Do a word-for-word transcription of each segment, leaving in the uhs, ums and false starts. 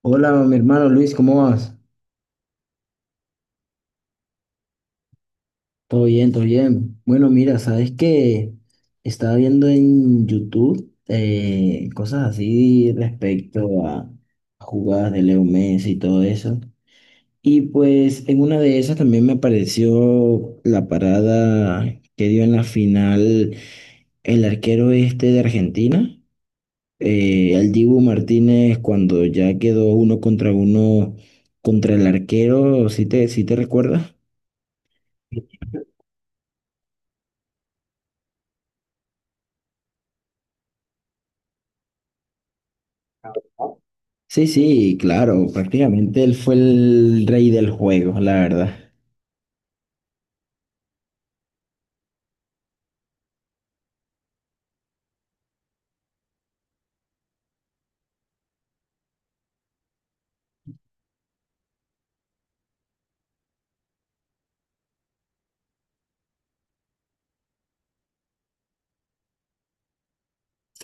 Hola, mi hermano Luis, ¿cómo vas? Todo bien, todo bien. Bueno, mira, sabes que estaba viendo en YouTube, eh, cosas así respecto a a jugadas de Leo Messi y todo eso. Y pues en una de esas también me apareció la parada que dio en la final el arquero este de Argentina, eh, el Dibu Martínez, cuando ya quedó uno contra uno contra el arquero, si te, si te recuerdas? Sí, sí, claro, prácticamente él fue el rey del juego, la verdad.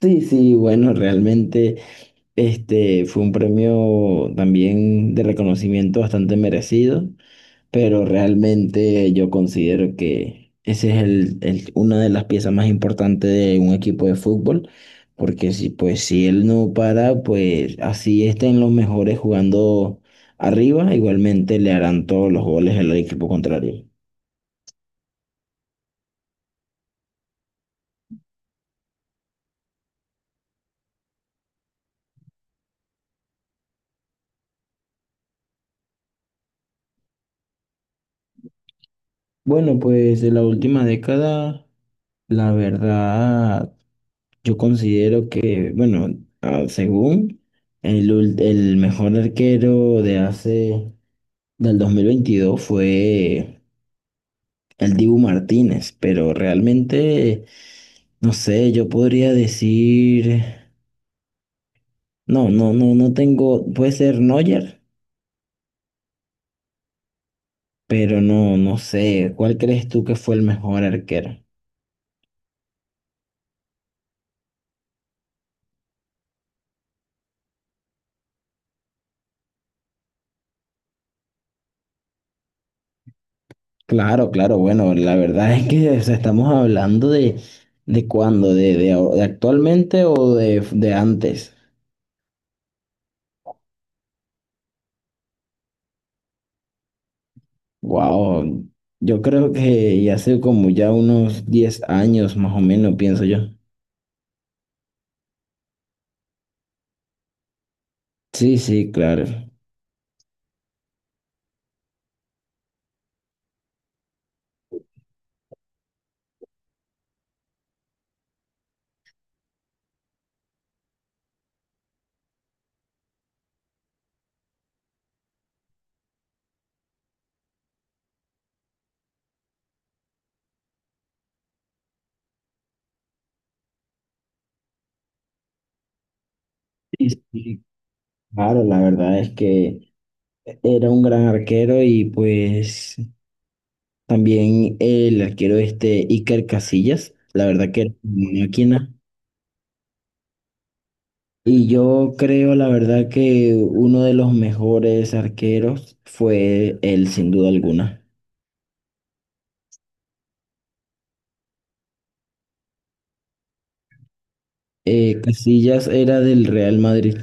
Sí, sí, bueno, realmente este fue un premio también de reconocimiento bastante merecido, pero realmente yo considero que ese es el, el- una de las piezas más importantes de un equipo de fútbol, porque si pues si él no para, pues así estén los mejores jugando arriba, igualmente le harán todos los goles al equipo contrario. Bueno, pues de la última década, la verdad, yo considero que, bueno, ah, según el, ul- el mejor arquero de hace, del dos mil veintidós fue el Dibu Martínez, pero realmente, no sé, yo podría decir, no, no, no, no tengo, puede ser Neuer, pero no, no sé, ¿cuál crees tú que fue el mejor arquero? Claro, claro, bueno, la verdad es que o sea, estamos hablando de, de cuándo, de, de, ahora- de actualmente o de, de antes. Wow, yo creo que ya hace como ya unos diez años más o menos, pienso yo. Sí, sí, claro. Sí, sí, claro, la verdad es que era un gran arquero y pues también el arquero este Iker Casillas, la verdad que era una máquina. Y yo creo, la verdad, que uno de los mejores arqueros fue él, sin duda alguna. Eh, Casillas era del Real Madrid.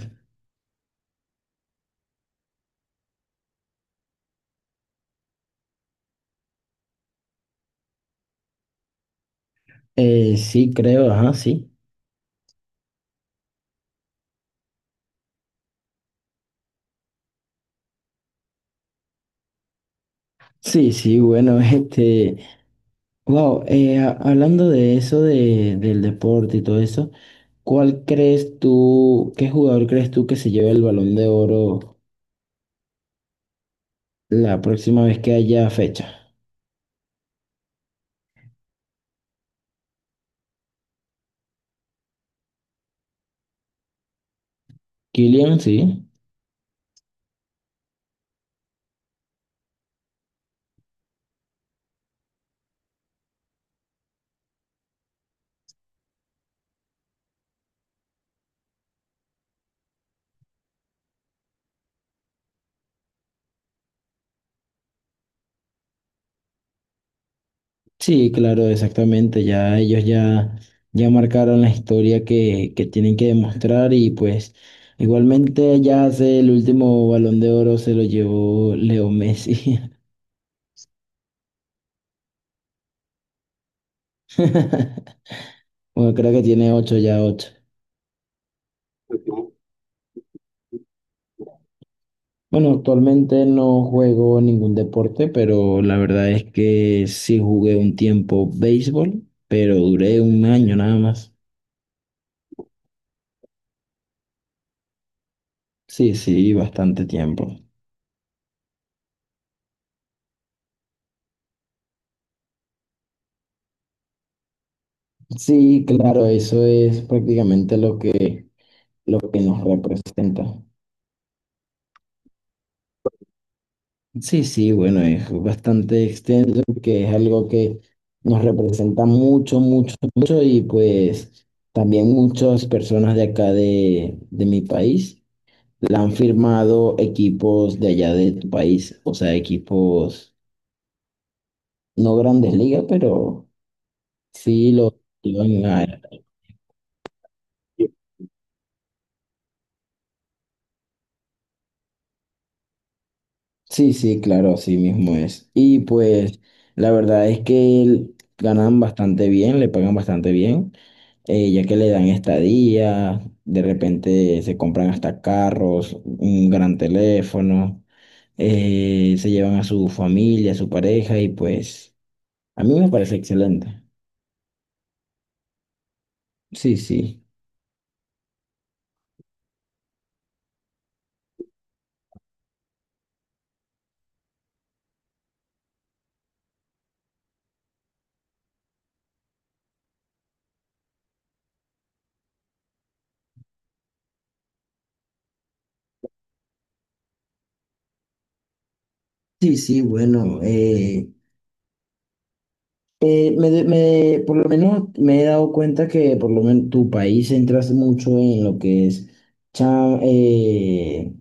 Eh, sí, creo, ajá, sí. Sí, sí, bueno, este, wow, eh, a- hablando de eso, de, del deporte y todo eso, ¿cuál crees tú, qué jugador crees tú que se lleve el Balón de Oro la próxima vez que haya fecha? Kylian, sí. Sí, claro, exactamente. Ya ellos ya, ya marcaron la historia que, que tienen que demostrar y pues igualmente ya hace el último Balón de Oro se lo llevó Leo Messi. Bueno, creo que tiene ocho ya ocho. Bueno, actualmente no juego ningún deporte, pero la verdad es que sí jugué un tiempo béisbol, pero duré un año nada más. Sí, sí, bastante tiempo. Sí, claro, eso es prácticamente lo que lo que nos representa. Sí, sí, bueno, es bastante extenso porque es algo que nos representa mucho, mucho, mucho y pues también muchas personas de acá de, de mi país la han firmado equipos de allá de tu país, o sea, equipos no grandes ligas, pero sí lo llevan a- Sí, sí, claro, así mismo es. Y pues la verdad es que ganan bastante bien, le pagan bastante bien. Eh, ya que le dan estadía, de repente se compran hasta carros, un gran teléfono, eh, se llevan a su familia, a su pareja y pues a mí me parece excelente. Sí, sí. Sí, sí, bueno, eh, eh, me, de- me- por lo menos me he dado cuenta que por lo menos tu país se entras mucho en lo que es cha- eh,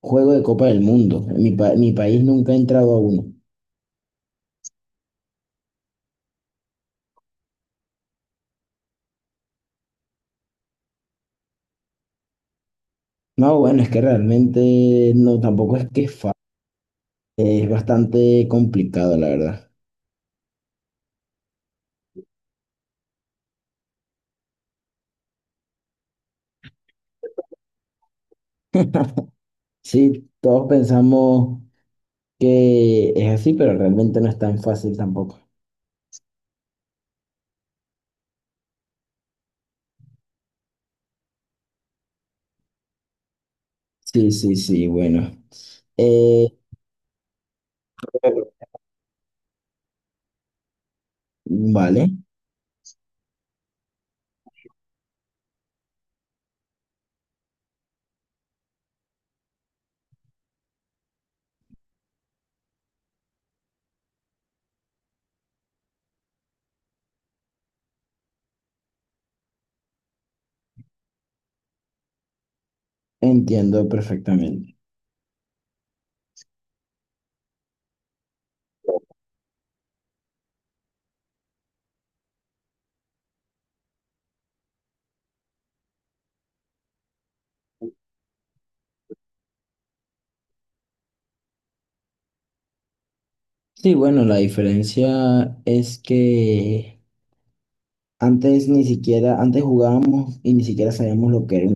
juego de Copa del Mundo. Mi, pa- mi país nunca ha entrado a uno. No, bueno, es que realmente no, tampoco es que es fácil, es bastante complicado, la verdad. Sí, todos pensamos que es así, pero realmente no es tan fácil tampoco. Sí, sí, sí, bueno. Eh, vale, entiendo perfectamente. Sí, bueno, la diferencia es que antes ni siquiera, antes jugábamos y ni siquiera sabíamos lo que era